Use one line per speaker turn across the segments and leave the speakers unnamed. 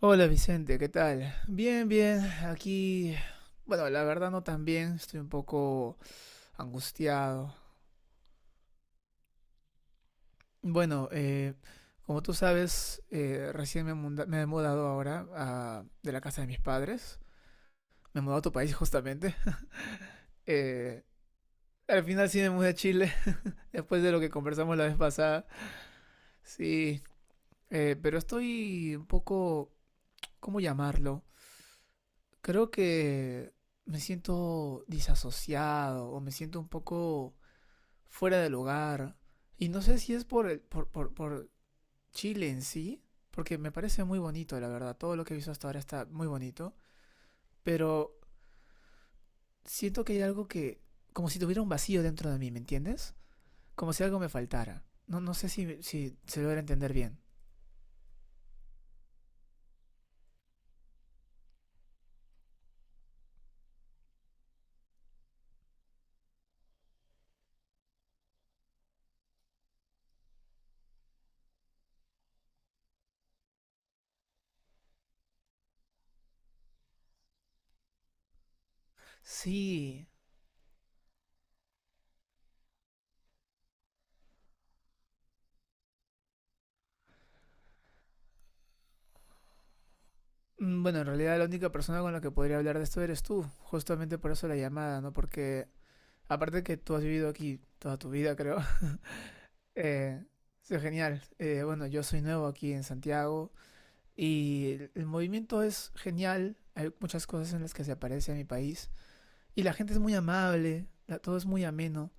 Hola Vicente, ¿qué tal? Bien, bien, aquí, bueno, la verdad no tan bien, estoy un poco angustiado. Bueno, como tú sabes, recién me, me he mudado ahora a- de la casa de mis padres, me he mudado a tu país justamente. Eh, Al final sí me mudé a Chile, después de lo que conversamos la vez pasada, sí, pero estoy un poco, ¿cómo llamarlo? Creo que me siento disasociado o me siento un poco fuera de lugar. Y no sé si es por Chile en sí, porque me parece muy bonito, la verdad. Todo lo que he visto hasta ahora está muy bonito. Pero siento que hay algo que, como si tuviera un vacío dentro de mí, ¿me entiendes? Como si algo me faltara. No, no sé si, si se logra entender bien. Sí. Mm, bueno, en realidad la única persona con la que podría hablar de esto eres tú. Justamente por eso la llamada, ¿no? Porque aparte que tú has vivido aquí toda tu vida, creo. Eh, sí, genial. Bueno, yo soy nuevo aquí en Santiago y el movimiento es genial. Hay muchas cosas en las que se aparece a mi país y la gente es muy amable, la- todo es muy ameno.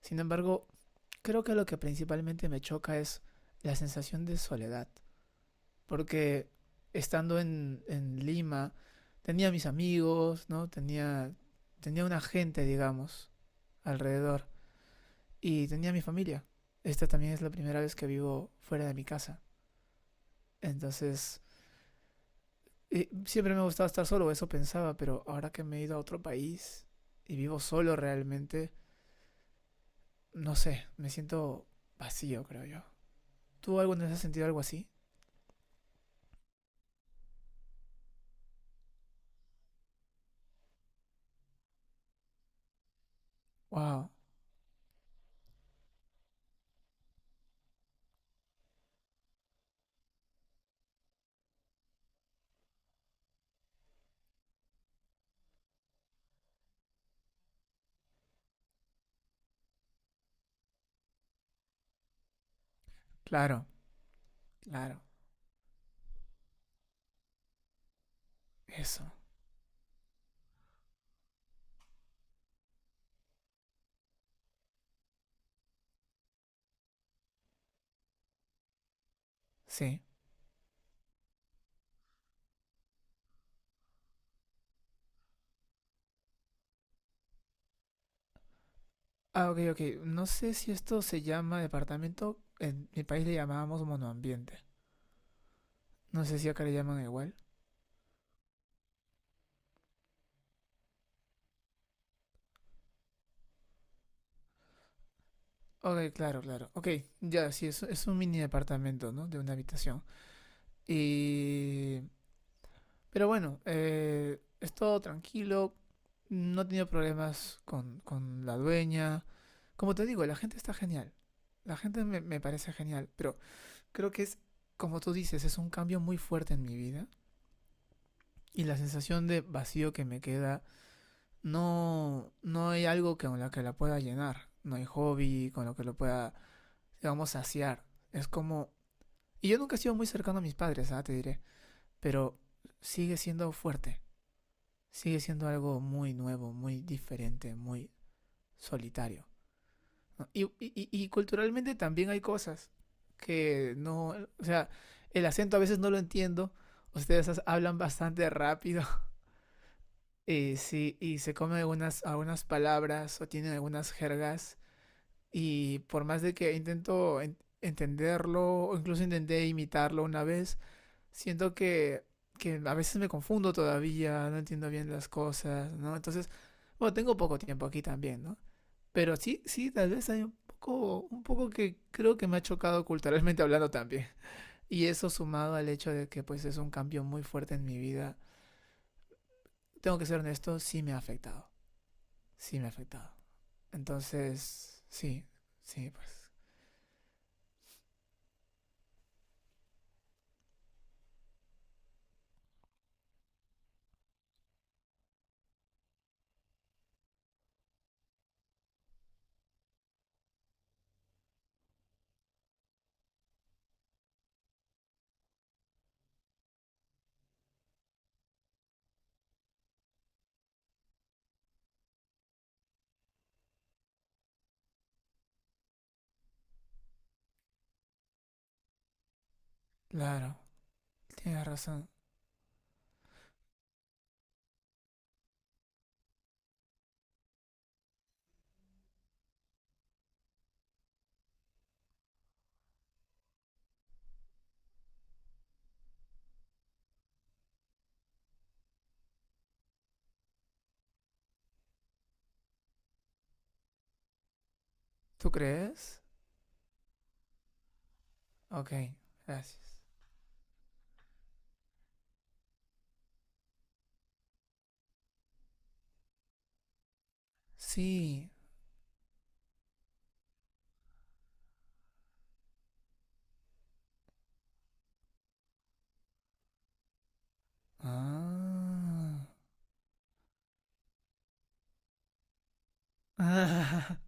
Sin embargo, creo que lo que principalmente me choca es la sensación de soledad, porque estando en Lima tenía mis amigos, ¿no? Tenía, tenía una gente, digamos, alrededor y tenía mi familia. Esta también es la primera vez que vivo fuera de mi casa. Entonces, siempre me ha gustado estar solo, eso pensaba, pero ahora que me he ido a otro país y vivo solo realmente, no sé, me siento vacío, creo yo. ¿Tú alguna vez has sentido algo así? Wow, claro, claro, eso, sí. Ah, ok, ok, no sé si esto se llama departamento, en mi país le llamábamos monoambiente. No sé si acá le llaman igual. Ok, claro, claro. Ok, ya, sí, es un mini departamento, ¿no? De una habitación. Y pero bueno, es todo tranquilo, no he tenido problemas con la dueña. Como te digo, la gente está genial, la gente me, me parece genial, pero creo que es, como tú dices, es un cambio muy fuerte en mi vida y la sensación de vacío que me queda, no, no hay algo con lo que la pueda llenar, no hay hobby con lo que lo pueda, digamos, saciar. Es como... y yo nunca he sido muy cercano a mis padres, ah, te diré, pero sigue siendo fuerte. Sigue siendo algo muy nuevo, muy diferente, muy solitario. ¿No? Y culturalmente también hay cosas que no, o sea, el acento a veces no lo entiendo. Ustedes hablan bastante rápido y, sí, y se comen algunas, algunas palabras o tienen algunas jergas y por más de que intento entenderlo o incluso intenté imitarlo una vez, siento que a veces me confundo todavía, no entiendo bien las cosas, ¿no? Entonces, bueno, tengo poco tiempo aquí también, ¿no? Pero sí, sí, tal vez hay un poco que creo que me ha chocado culturalmente hablando también. Y eso sumado al hecho de que pues es un cambio muy fuerte en mi vida, tengo que ser honesto, sí me ha afectado, sí me ha afectado. Entonces, sí, sí, pues, claro, tienes razón. ¿Tú crees? Ok, gracias. Sí. Ah. Ah,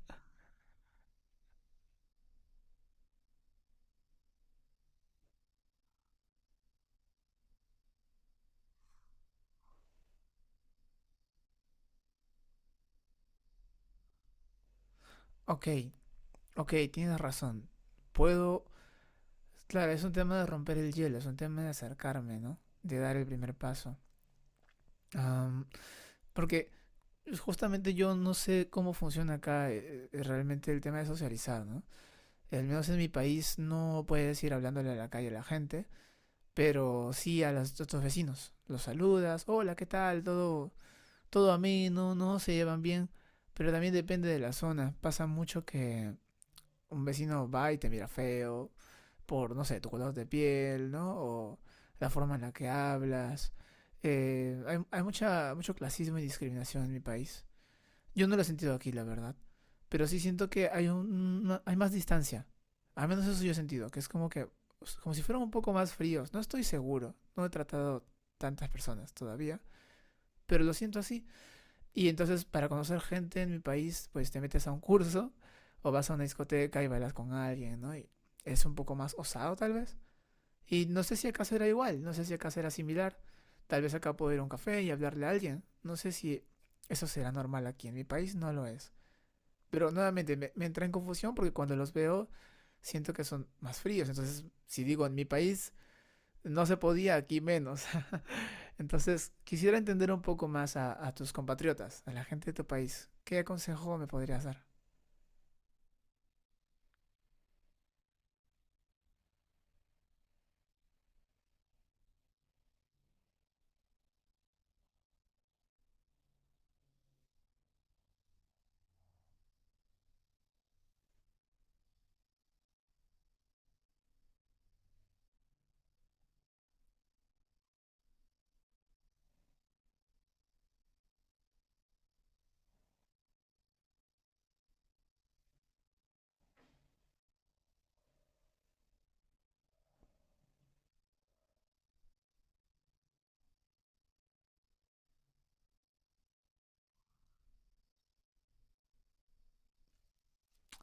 ok, ok, tienes razón. Puedo... Claro, es un tema de romper el hielo, es un tema de acercarme, ¿no? De dar el primer paso. Am, porque justamente yo no sé cómo funciona acá realmente el tema de socializar, ¿no? Al menos en mi país no puedes ir hablándole a la calle a la gente, pero sí a, los, a tus vecinos. Los saludas, hola, ¿qué tal? Todo, todo ameno, no se llevan bien, pero también depende de la zona. Pasa mucho que un vecino va y te mira feo por, no sé, tu color de piel, ¿no? O la forma en la que hablas. Hay mucha, mucho clasismo y discriminación en mi país. Yo no lo he sentido aquí, la verdad. Pero sí siento que hay, un, una- hay más distancia. Al menos eso sí yo he sentido, que es como que, como si fueran un poco más fríos. No estoy seguro. No he tratado tantas personas todavía. Pero lo siento así. Y entonces para conocer gente en mi país, pues te metes a un curso o vas a una discoteca y bailas con alguien, ¿no? Y es un poco más osado tal vez. Y no sé si acá será igual, no sé si acá será similar. Tal vez acá puedo ir a un café y hablarle a alguien. No sé si eso será normal aquí en mi país, no lo es. Pero nuevamente me, me entra en confusión porque cuando los veo siento que son más fríos. Entonces, si digo en mi país no se podía, aquí menos. Entonces, quisiera entender un poco más a tus compatriotas, a la gente de tu país. ¿Qué consejo me podrías dar?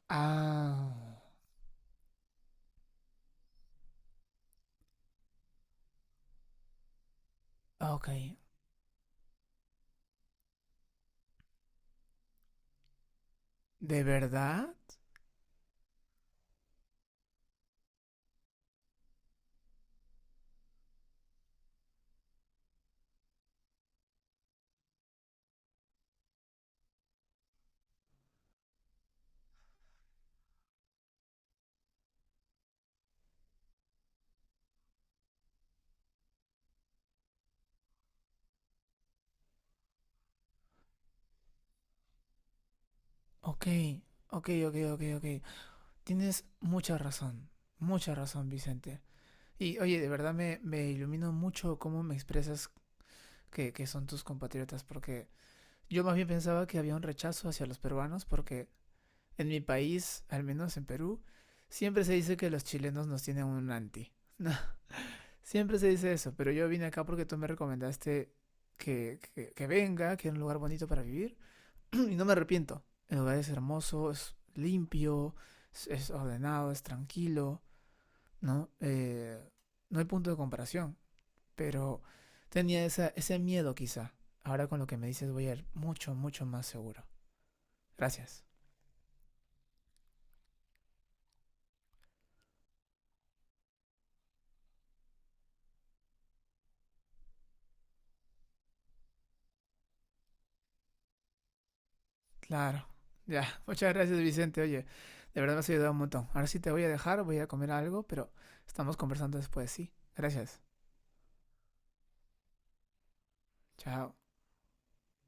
Ah, ok. ¿De verdad? Ok, ok, ok, ok, ok. Tienes mucha razón, Vicente. Y oye, de verdad me, me iluminó mucho cómo me expresas que son tus compatriotas, porque yo más bien pensaba que había un rechazo hacia los peruanos, porque en mi país, al menos en Perú, siempre se dice que los chilenos nos tienen un anti. No, siempre se dice eso, pero yo vine acá porque tú me recomendaste que, que venga, que era un lugar bonito para vivir. Y no me arrepiento. El lugar es hermoso, es limpio, es ordenado, es tranquilo, ¿no? No hay punto de comparación, pero tenía esa, ese miedo quizá. Ahora con lo que me dices voy a ir mucho, mucho más seguro. Gracias. Claro. Ya, muchas gracias Vicente. Oye, de verdad me has ayudado un montón. Ahora sí te voy a dejar, voy a comer algo, pero estamos conversando después, ¿sí? Gracias. Chao.